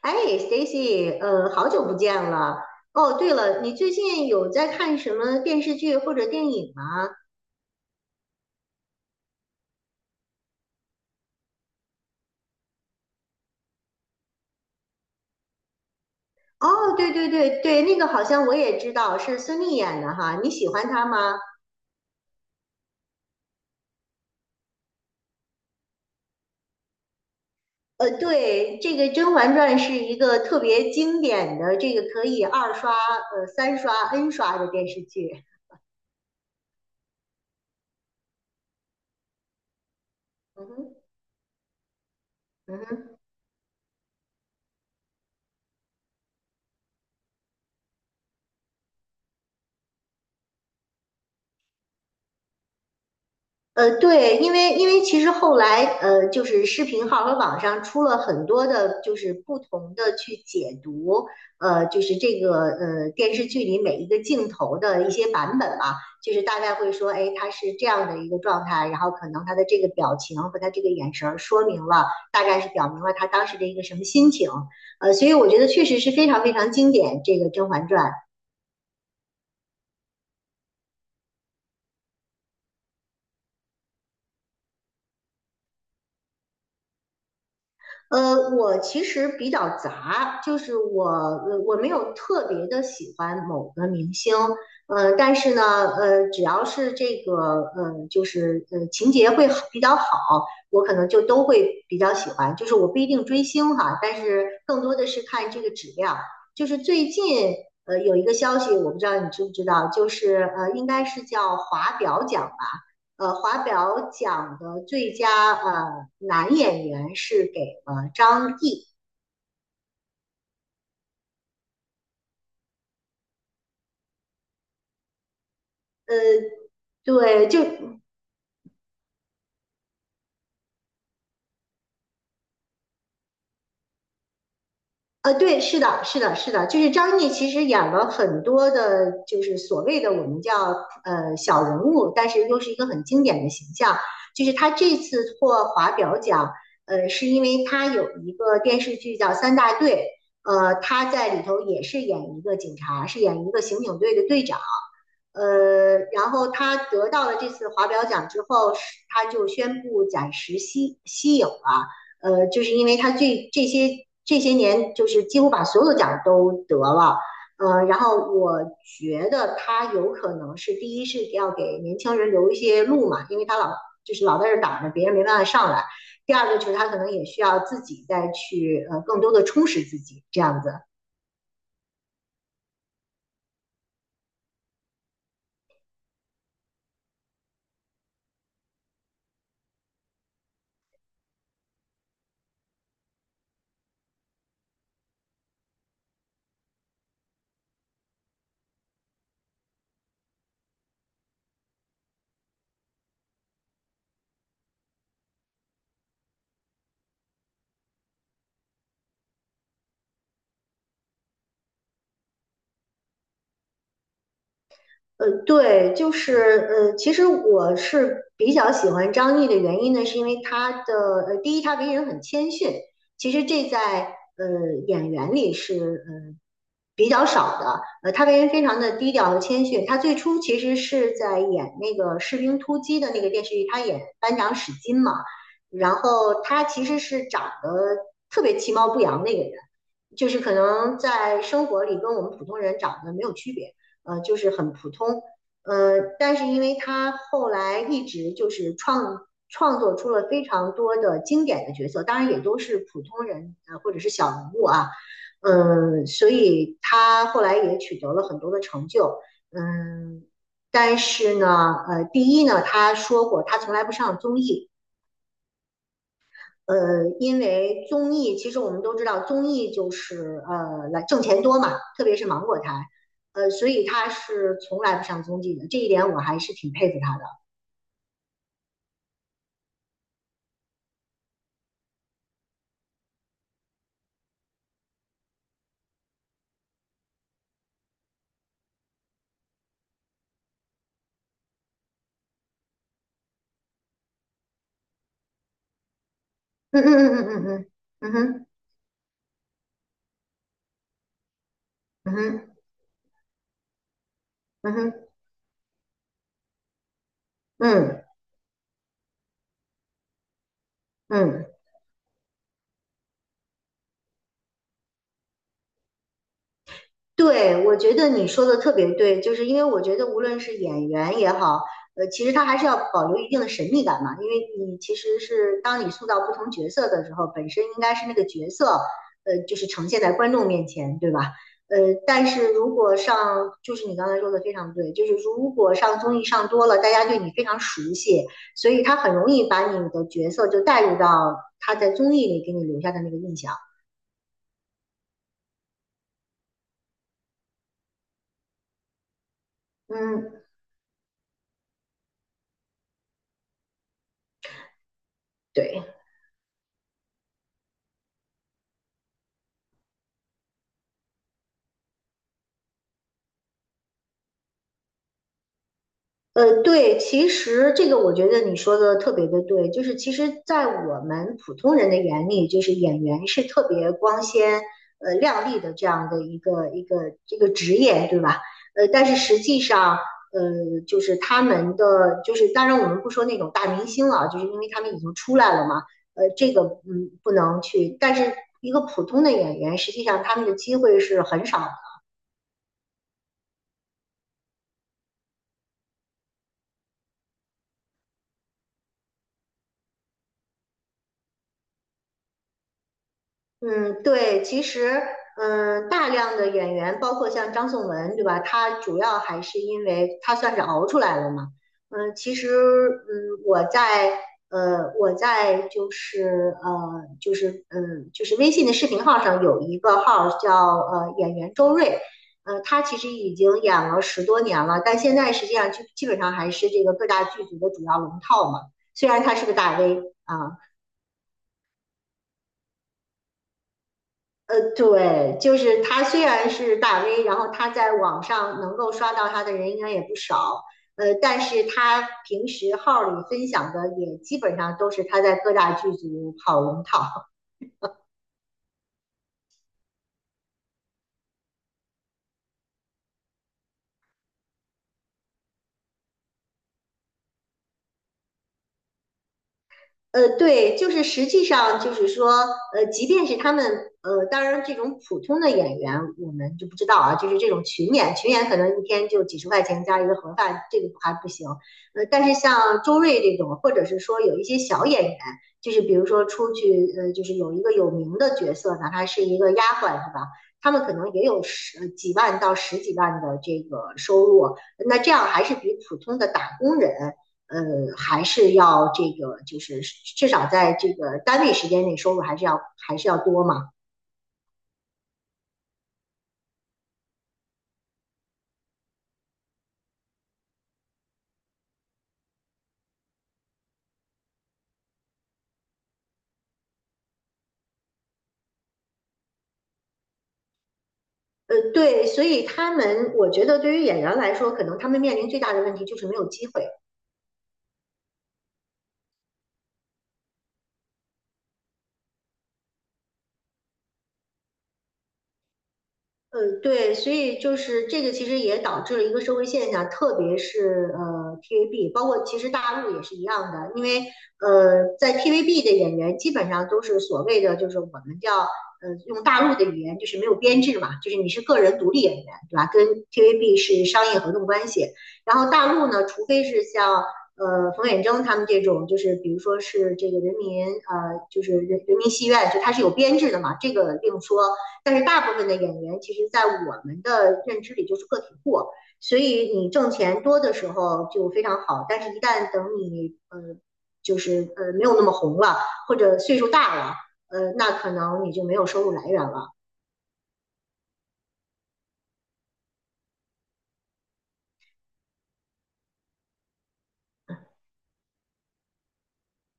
哎，Stacy，好久不见了。哦，对了，你最近有在看什么电视剧或者电影吗？哦，对对对对，那个好像我也知道，是孙俪演的哈。你喜欢她吗？对，这个《甄嬛传》是一个特别经典的，这个可以二刷、三刷、N 刷的电视剧。嗯哼。嗯哼。对，因为其实后来，就是视频号和网上出了很多的，就是不同的去解读，就是这个电视剧里每一个镜头的一些版本嘛，就是大概会说，哎，他是这样的一个状态，然后可能他的这个表情和他这个眼神儿说明了，大概是表明了他当时的一个什么心情，所以我觉得确实是非常非常经典，这个《甄嬛传》。我其实比较杂,就是我没有特别的喜欢某个明星，但是呢，只要是这个就是情节会好比较好，我可能就都会比较喜欢。就是我不一定追星哈，但是更多的是看这个质量。就是最近有一个消息，我不知道你知不知道，就是应该是叫华表奖吧。华表奖的最佳男演员是给了张译。呃，对，就对，是的，是的，是的，就是张译其实演了很多的，就是所谓的我们叫小人物，但是又是一个很经典的形象。就是他这次获华表奖，是因为他有一个电视剧叫《三大队》，他在里头也是演一个警察，是演一个刑警队的队长。然后他得到了这次华表奖之后，是他就宣布暂时息影了。就是因为他这些年就是几乎把所有的奖都得了，然后我觉得他有可能是第一是要给年轻人留一些路嘛，因为他就是老在这挡着，别人没办法上来。第二个就是他可能也需要自己再去更多的充实自己这样子。呃，对，就是其实我是比较喜欢张译的原因呢，是因为他的第一，他为人很谦逊，其实这在演员里是比较少的。他为人非常的低调和谦逊。他最初其实是在演那个《士兵突击》的那个电视剧，他演班长史金嘛。然后他其实是长得特别其貌不扬的一个人，就是可能在生活里跟我们普通人长得没有区别。就是很普通。但是因为他后来一直就是创作出了非常多的经典的角色，当然也都是普通人或者是小人物啊，嗯，所以他后来也取得了很多的成就，嗯，但是呢，第一呢，他说过他从来不上综艺，呃，因为综艺，其实我们都知道，综艺就是来挣钱多嘛，特别是芒果台，所以他是从来不上综艺的，这一点我还是挺佩服他的。嗯。嗯。嗯。嗯。嗯。嗯。嗯哼。嗯哼。嗯哼。嗯。嗯。嗯。对，我觉得你说的特别对，就是因为我觉得无论是演员也好，其实他还是要保留一定的神秘感嘛，因为你其实是当你塑造不同角色的时候，本身应该是那个角色，就是呈现在观众面前，对吧？呃，但是如果上，就是你刚才说的非常对，就是如果上综艺上多了，大家对你非常熟悉，所以他很容易把你的角色就带入到他在综艺里给你留下的那个印象。嗯。对。对，其实这个我觉得你说的特别的对，就是其实，在我们普通人的眼里，就是演员是特别光鲜、亮丽的这样的一个这个职业，对吧？但是实际上，就是他们的，就是当然我们不说那种大明星了，就是因为他们已经出来了嘛，这个嗯不能去，但是一个普通的演员，实际上他们的机会是很少的。嗯，对，其实，嗯，大量的演员，包括像张颂文，对吧？他主要还是因为他算是熬出来了嘛。嗯，其实，嗯，我在就是，就是，嗯，就是微信的视频号上有一个号叫演员周瑞，他其实已经演了十多年了，但现在实际上基本上还是这个各大剧组的主要龙套嘛。虽然他是个大 V 啊。对，就是他虽然是大 V，然后他在网上能够刷到他的人应该也不少，但是他平时号里分享的也基本上都是他在各大剧组跑龙套。对，就是实际上就是说，即便是他们，当然这种普通的演员我们就不知道啊，就是这种群演，群演可能一天就几十块钱加一个盒饭，这个还不行。但是像周瑞这种，或者是说有一些小演员，就是比如说出去，就是有一个有名的角色，哪怕是一个丫鬟，是吧？他们可能也有十几万到十几万的这个收入，那这样还是比普通的打工人。呃，还是要这个，就是至少在这个单位时间内收入还是要多嘛。对，所以他们，我觉得对于演员来说，可能他们面临最大的问题就是没有机会。对，所以就是这个，其实也导致了一个社会现象，特别是 TVB，包括其实大陆也是一样的，因为在 TVB 的演员基本上都是所谓的就是我们叫用大陆的语言就是没有编制嘛，就是你是个人独立演员，对吧？跟 TVB 是商业合同关系。然后大陆呢，除非是像冯远征他们这种，就是比如说是这个就是人民戏院，就他是有编制的嘛，这个另说。但是大部分的演员，其实在我们的认知里就是个体户，所以你挣钱多的时候就非常好，但是一旦等你就是没有那么红了，或者岁数大了，那可能你就没有收入来源了。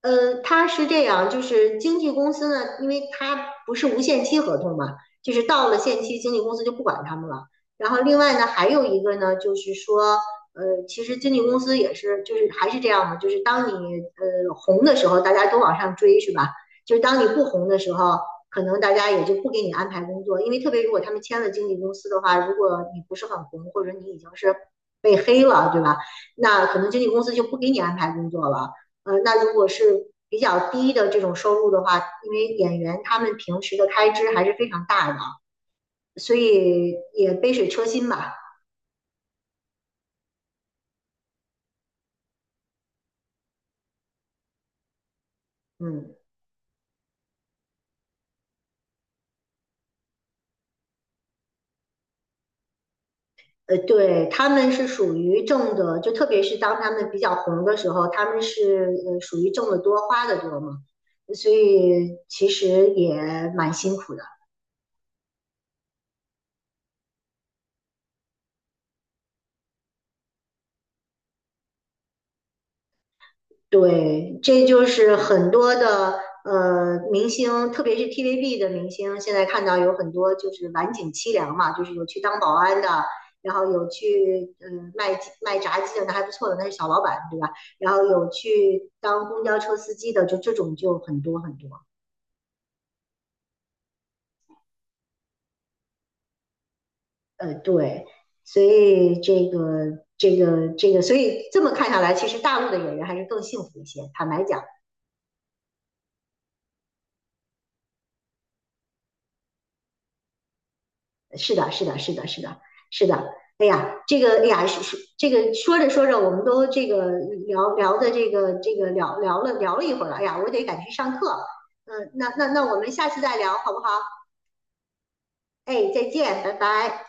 他是这样，就是经纪公司呢，因为他不是无限期合同嘛，就是到了限期，经纪公司就不管他们了。然后另外呢，还有一个呢，就是说，其实经纪公司也是，就是还是这样嘛，就是当你红的时候，大家都往上追，是吧？就是当你不红的时候，可能大家也就不给你安排工作，因为特别如果他们签了经纪公司的话，如果你不是很红，或者你已经是被黑了，对吧？那可能经纪公司就不给你安排工作了。那如果是比较低的这种收入的话，因为演员他们平时的开支还是非常大的，所以也杯水车薪吧。嗯，对，他们是属于挣的，就特别是当他们比较红的时候，他们是属于挣的多花的多嘛，所以其实也蛮辛苦的。对，这就是很多的明星，特别是 TVB 的明星，现在看到有很多就是晚景凄凉嘛，就是有去当保安的，然后有去卖鸡卖炸鸡的，那还不错的，那是小老板，对吧？然后有去当公交车司机的，就这种就很多很多。对，所以这个,所以这么看下来，其实大陆的演员还是更幸福一些，坦白讲。是的，是的，是的，是的，是的。哎呀，这个，哎呀，是这个说着说着，我们都这个聊聊的这个这个聊聊了聊了一会儿了。哎呀，我得赶去上课。嗯，那我们下次再聊好不好？哎，再见，拜拜。